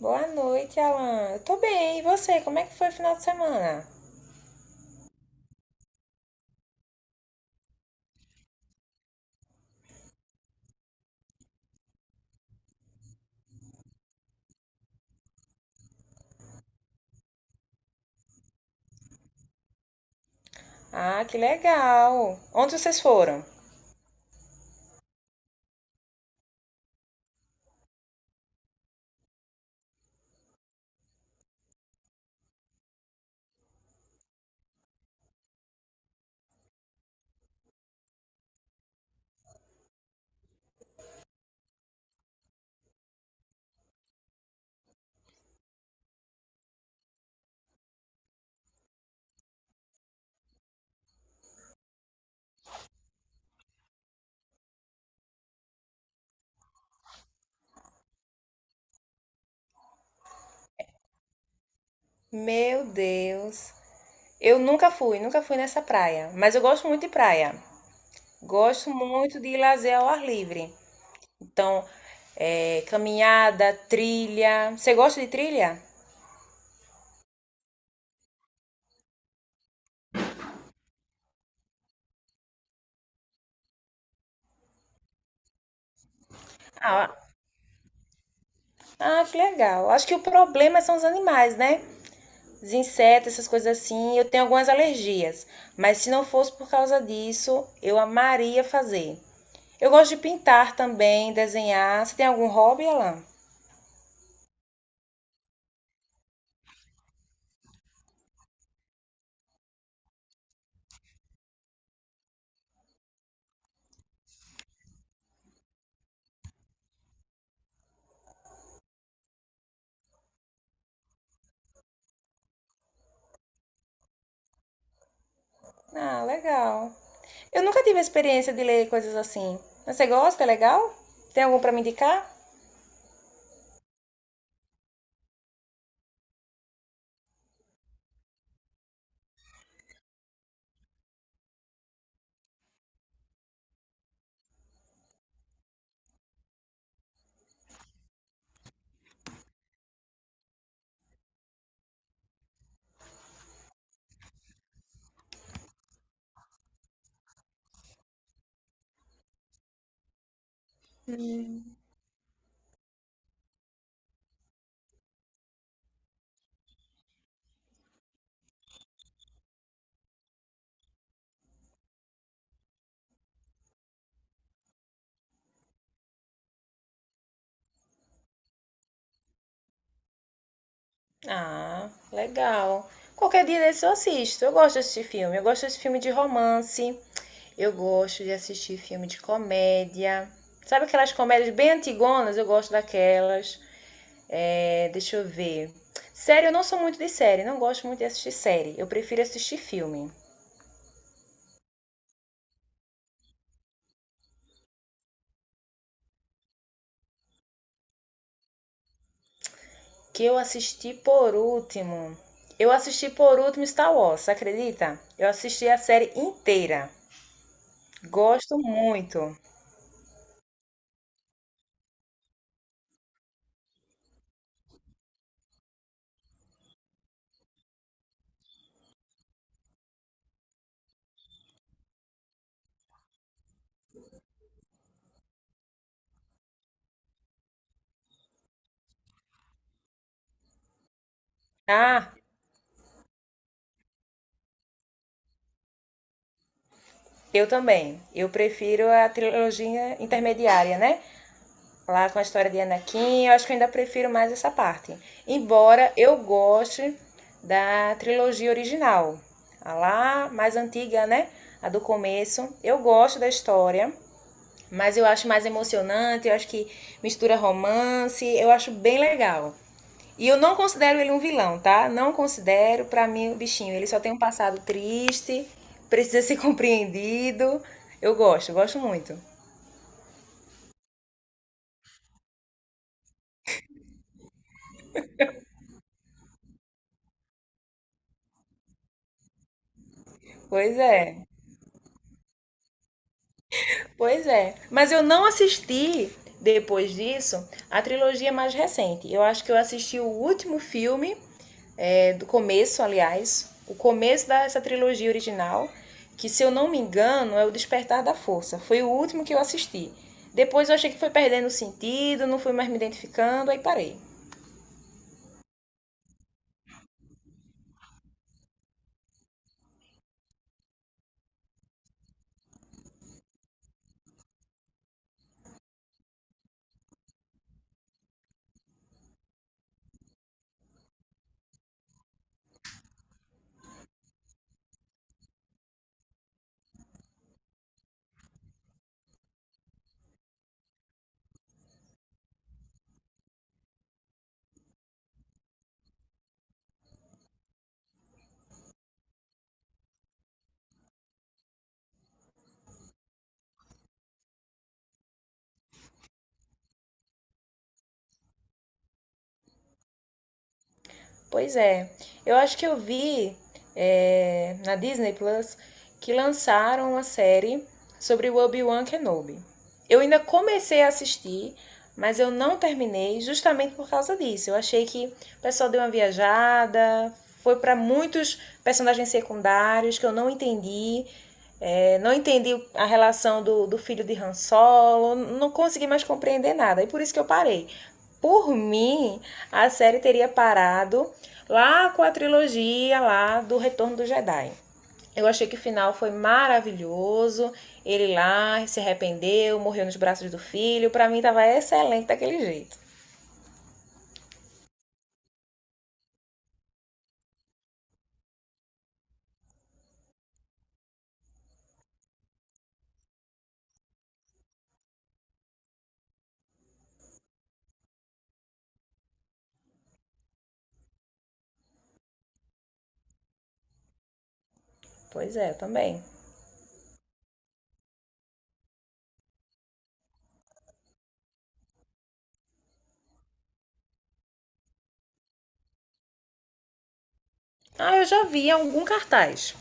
Boa noite, Alan. Eu tô bem. E você? Como é que foi o final de semana? Ah, que legal. Onde vocês foram? Meu Deus. Eu nunca fui, nunca fui nessa praia, mas eu gosto muito de praia. Gosto muito de lazer ao ar livre. Então, caminhada, trilha. Você gosta de trilha? Ah, ah, que legal. Acho que o problema são os animais, né? Os insetos, essas coisas assim, eu tenho algumas alergias, mas se não fosse por causa disso, eu amaria fazer. Eu gosto de pintar também, desenhar. Você tem algum hobby, Alan? Ah, legal. Eu nunca tive a experiência de ler coisas assim. Mas você gosta? É legal? Tem algum para me indicar? Ah, legal. Qualquer dia desse eu assisto. Eu gosto desse filme. Eu gosto desse filme de romance. Eu gosto de assistir filme de comédia. Sabe aquelas comédias bem antigonas? Eu gosto daquelas. É, deixa eu ver. Série, eu não sou muito de série, não gosto muito de assistir série. Eu prefiro assistir filme. Que eu assisti por último. Eu assisti por último Star Wars, acredita? Eu assisti a série inteira. Gosto muito. Ah, eu também. Eu prefiro a trilogia intermediária, né? Lá com a história de Anakin, eu acho que eu ainda prefiro mais essa parte. Embora eu goste da trilogia original, a lá mais antiga, né? A do começo. Eu gosto da história, mas eu acho mais emocionante, eu acho que mistura romance, eu acho bem legal. E eu não considero ele um vilão, tá? Não considero, para mim, o bichinho. Ele só tem um passado triste, precisa ser compreendido. Eu gosto, gosto muito. Pois é. Pois é. Mas eu não assisti, depois disso, a trilogia mais recente. Eu acho que eu assisti o último filme, do começo, aliás, o começo dessa trilogia original, que se eu não me engano é o Despertar da Força. Foi o último que eu assisti. Depois eu achei que foi perdendo sentido, não fui mais me identificando, aí parei. Pois é. Eu acho que eu vi, na Disney Plus, que lançaram uma série sobre o Obi-Wan Kenobi. Eu ainda comecei a assistir, mas eu não terminei justamente por causa disso. Eu achei que o pessoal deu uma viajada, foi para muitos personagens secundários que eu não entendi. Não entendi a relação do, do filho de Han Solo, não consegui mais compreender nada. E por isso que eu parei. Por mim, a série teria parado lá com a trilogia lá do Retorno do Jedi. Eu achei que o final foi maravilhoso. Ele lá se arrependeu, morreu nos braços do filho. Para mim tava excelente daquele jeito. Pois é, também. Ah, eu já vi algum cartaz.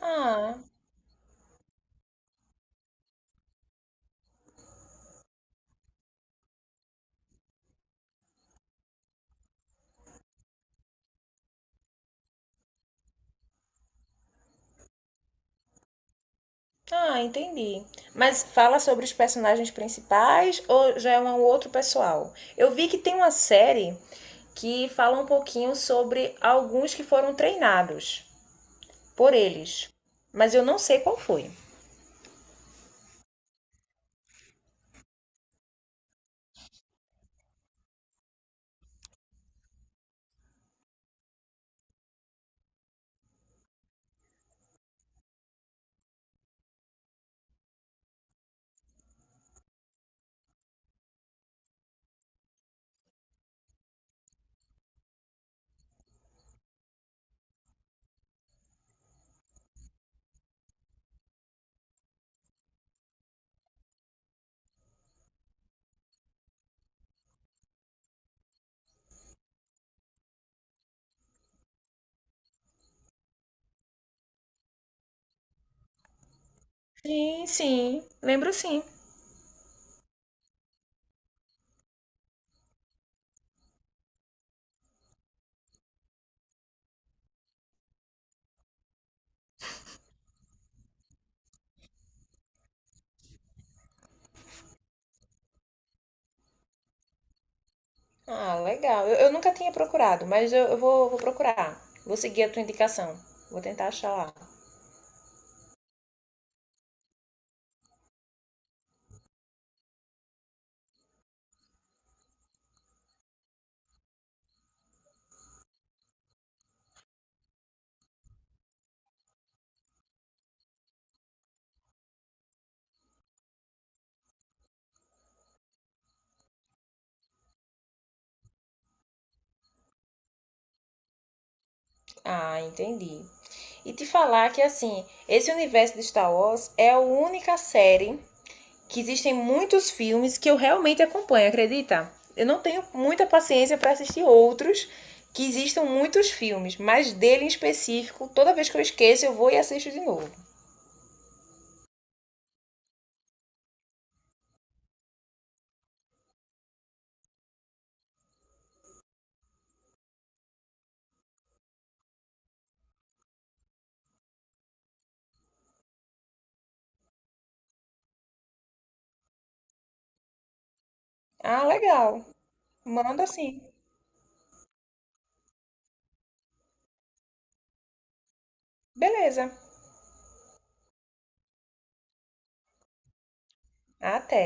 Ah, ah, entendi. Mas fala sobre os personagens principais ou já é um outro pessoal? Eu vi que tem uma série que fala um pouquinho sobre alguns que foram treinados por eles, mas eu não sei qual foi. Sim, sim, lembro sim. Ah, legal. Eu nunca tinha procurado, mas eu vou, vou procurar. Vou seguir a tua indicação. Vou tentar achar lá. Ah, entendi. E te falar que, assim, esse universo de Star Wars é a única série que existem muitos filmes que eu realmente acompanho, acredita? Eu não tenho muita paciência para assistir outros que existam muitos filmes, mas dele em específico, toda vez que eu esqueço, eu vou e assisto de novo. Ah, legal. Manda assim. Beleza. Até.